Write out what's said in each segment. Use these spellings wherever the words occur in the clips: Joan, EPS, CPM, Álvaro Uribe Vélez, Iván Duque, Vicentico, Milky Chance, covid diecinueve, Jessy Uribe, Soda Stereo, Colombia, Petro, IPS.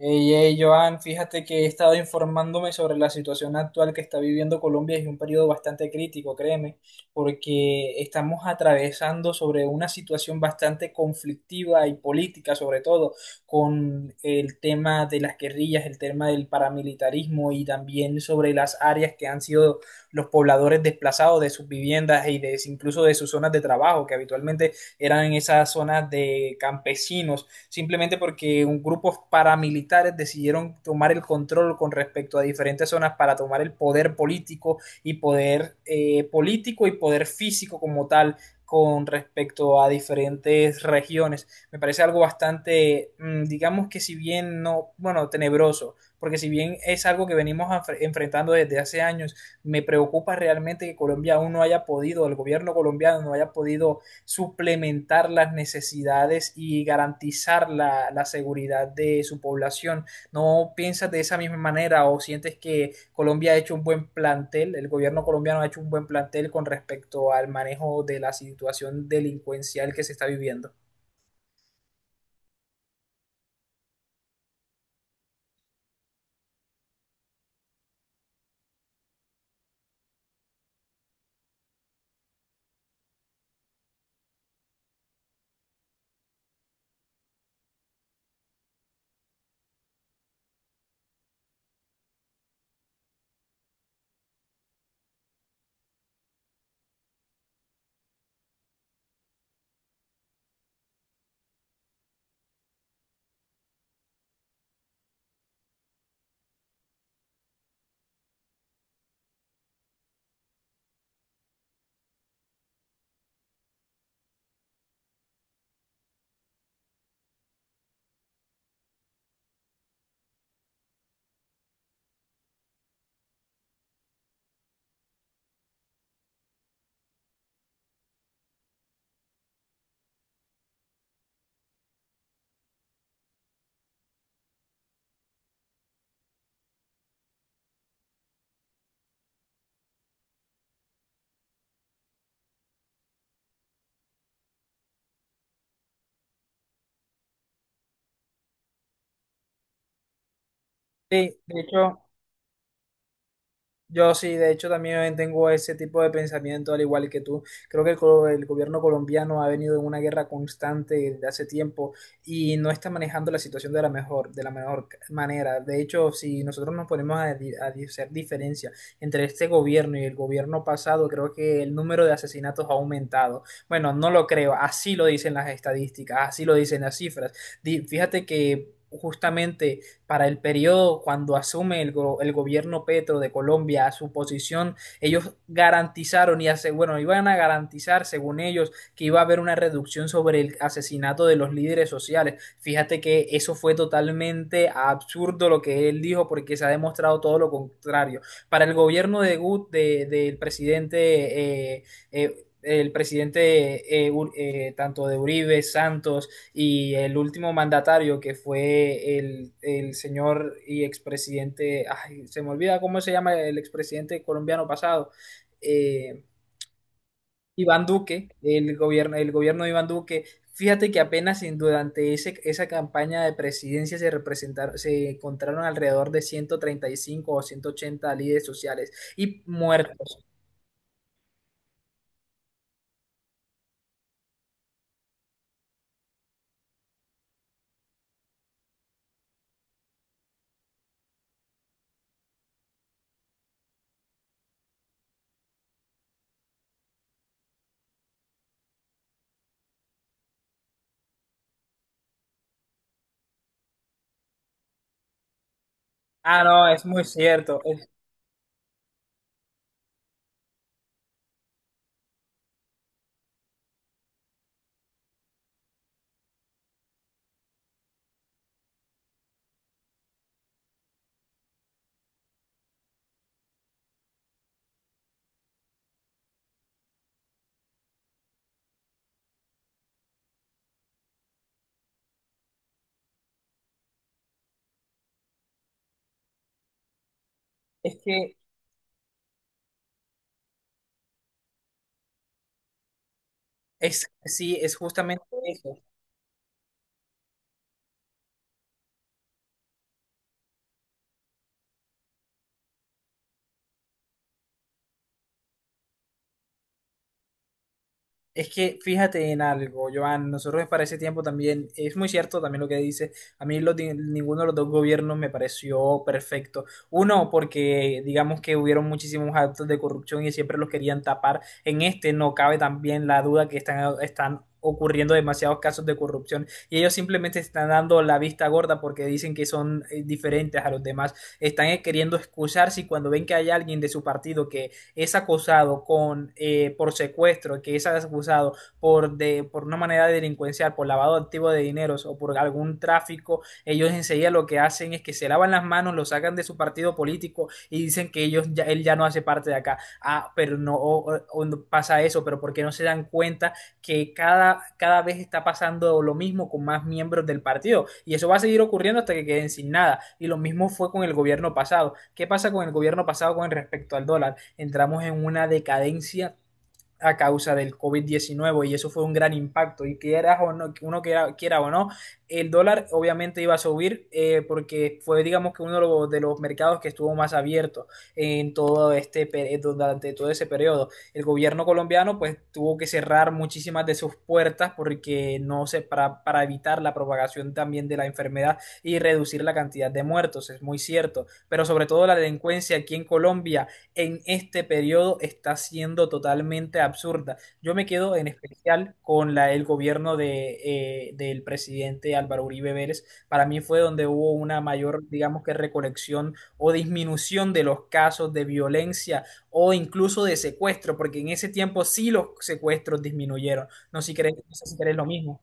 Hey, hey, Joan, fíjate que he estado informándome sobre la situación actual que está viviendo Colombia y es un periodo bastante crítico, créeme, porque estamos atravesando sobre una situación bastante conflictiva y política, sobre todo con el tema de las guerrillas, el tema del paramilitarismo y también sobre las áreas que han sido los pobladores desplazados de sus viviendas y incluso de sus zonas de trabajo, que habitualmente eran esas zonas de campesinos simplemente porque un grupo paramilitares decidieron tomar el control con respecto a diferentes zonas para tomar el poder político y poder físico como tal con respecto a diferentes regiones. Me parece algo bastante, digamos que si bien no, bueno, tenebroso, porque si bien es algo que venimos enfrentando desde hace años, me preocupa realmente que Colombia aún no haya podido, el gobierno colombiano no haya podido suplementar las necesidades y garantizar la seguridad de su población. ¿No piensas de esa misma manera o sientes que Colombia ha hecho un buen plantel, el gobierno colombiano ha hecho un buen plantel con respecto al manejo de la situación delincuencial que se está viviendo? Sí, de hecho, Yo sí, de hecho también tengo ese tipo de pensamiento, al igual que tú. Creo que el gobierno colombiano ha venido en una guerra constante desde hace tiempo y no está manejando la situación de la mejor, manera. De hecho, si nosotros nos ponemos a hacer diferencia entre este gobierno y el gobierno pasado, creo que el número de asesinatos ha aumentado. Bueno, no lo creo, así lo dicen las estadísticas, así lo dicen las cifras. Fíjate que justamente para el periodo cuando asume el gobierno Petro de Colombia a su posición, ellos garantizaron y hace, bueno, iban a garantizar, según ellos, que iba a haber una reducción sobre el asesinato de los líderes sociales. Fíjate que eso fue totalmente absurdo lo que él dijo porque se ha demostrado todo lo contrario. Para el gobierno de del presidente eh, el presidente eh, tanto de Uribe, Santos y el último mandatario que fue el señor y expresidente, ay, se me olvida cómo se llama el expresidente colombiano pasado, eh, Iván Duque, el gobierno de Iván Duque. Fíjate que apenas durante esa campaña de presidencia se encontraron alrededor de 135 o 180 líderes sociales y muertos. Ah, no, es muy cierto. Es que es, sí, es justamente eso. Es que fíjate en algo, Joan, nosotros para ese tiempo también, es muy cierto también lo que dice, a mí ninguno de los dos gobiernos me pareció perfecto. Uno, porque digamos que hubieron muchísimos actos de corrupción y siempre los querían tapar. En este no cabe también la duda que están ocurriendo demasiados casos de corrupción y ellos simplemente están dando la vista gorda porque dicen que son diferentes a los demás. Están queriendo excusarse y cuando ven que hay alguien de su partido que es acusado por secuestro, que es acusado por una manera delincuencial, por lavado activo de dineros o por algún tráfico, ellos enseguida lo que hacen es que se lavan las manos, lo sacan de su partido político y dicen que él ya no hace parte de acá. Ah, pero no o no pasa eso, pero por qué no se dan cuenta que cada vez está pasando lo mismo con más miembros del partido y eso va a seguir ocurriendo hasta que queden sin nada. Y lo mismo fue con el gobierno pasado. ¿Qué pasa con el gobierno pasado con respecto al dólar? Entramos en una decadencia a causa del COVID-19 y eso fue un gran impacto y quiera o no, uno quiera o no, el dólar obviamente iba a subir porque fue digamos que uno de los mercados que estuvo más abierto en todo este durante todo ese periodo. El gobierno colombiano pues tuvo que cerrar muchísimas de sus puertas porque no se para evitar la propagación también de la enfermedad y reducir la cantidad de muertos, es muy cierto, pero sobre todo la delincuencia aquí en Colombia en este periodo está siendo totalmente absurda. Yo me quedo en especial con el gobierno del presidente Álvaro Uribe Vélez. Para mí fue donde hubo una mayor, digamos que recolección o disminución de los casos de violencia o incluso de secuestro, porque en ese tiempo sí los secuestros disminuyeron. No sé si crees lo mismo.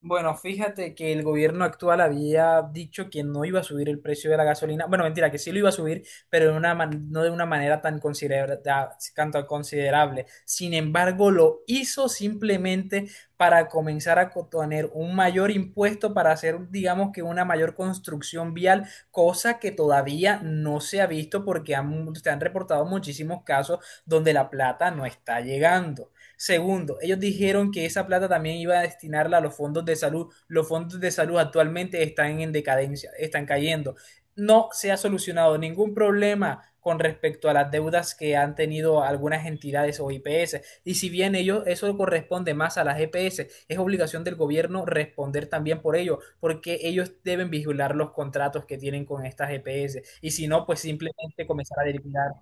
Bueno, fíjate que el gobierno actual había dicho que no iba a subir el precio de la gasolina. Bueno, mentira, que sí lo iba a subir, pero no de una manera tan tanto considerable. Sin embargo, lo hizo simplemente para comenzar a tener un mayor impuesto para hacer, digamos que una mayor construcción vial, cosa que todavía no se ha visto porque se han reportado muchísimos casos donde la plata no está llegando. Segundo, ellos dijeron que esa plata también iba a destinarla a los fondos de salud. Los fondos de salud actualmente están en decadencia, están cayendo. No se ha solucionado ningún problema con respecto a las deudas que han tenido algunas entidades o IPS. Y si bien ellos, eso corresponde más a las EPS, es obligación del gobierno responder también por ello, porque ellos deben vigilar los contratos que tienen con estas EPS. Y si no, pues simplemente comenzar a derivar.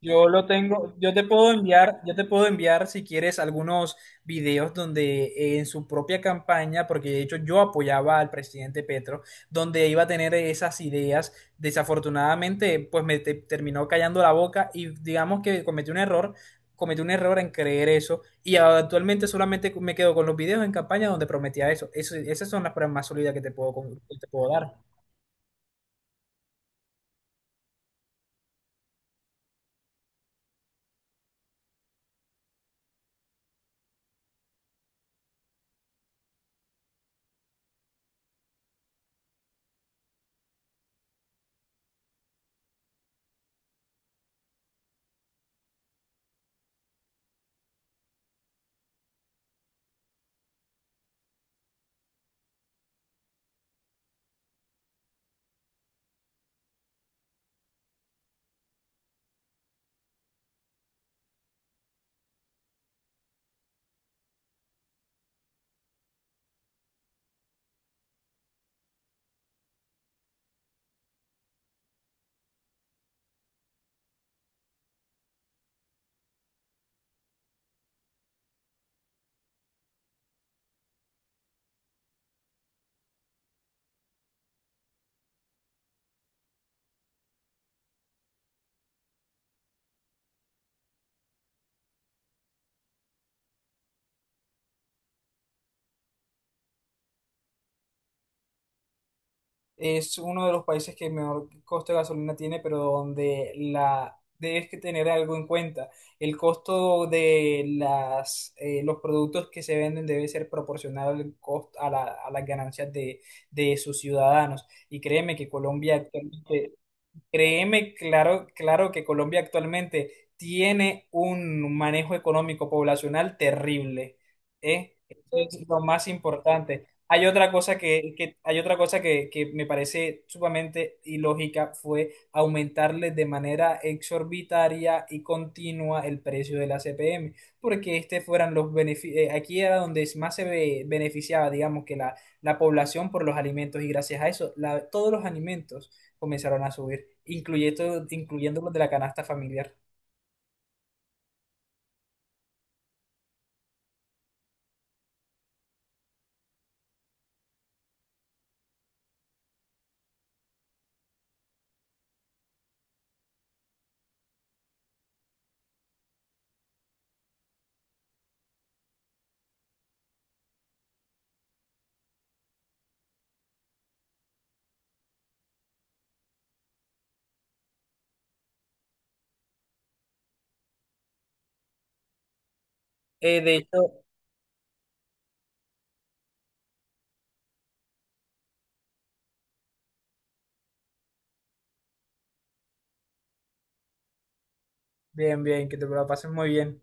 Yo lo tengo, yo te puedo enviar si quieres algunos videos donde en su propia campaña, porque de hecho yo apoyaba al presidente Petro, donde iba a tener esas ideas. Desafortunadamente, pues me terminó callando la boca y digamos que cometí un error en creer eso y actualmente solamente me quedo con los videos en campaña donde prometía eso. Esas son las pruebas más sólidas que te puedo dar. Es uno de los países que menor costo de gasolina tiene, pero donde la debes que tener algo en cuenta. El costo los productos que se venden debe ser proporcional al costo, a las ganancias de sus ciudadanos. Y créeme que Colombia actualmente. Créeme, claro, claro que Colombia actualmente tiene un manejo económico poblacional terrible, ¿eh? Eso es lo más importante. Hay otra cosa hay otra cosa que me parece sumamente ilógica fue aumentarle de manera exorbitaria y continua el precio de la CPM, porque este fueran los beneficios, aquí era donde más se beneficiaba, digamos, que la población por los alimentos y gracias a eso, todos los alimentos comenzaron a subir, incluyendo los de la canasta familiar. Eh, de hecho, Bien, bien, que te lo pases muy bien.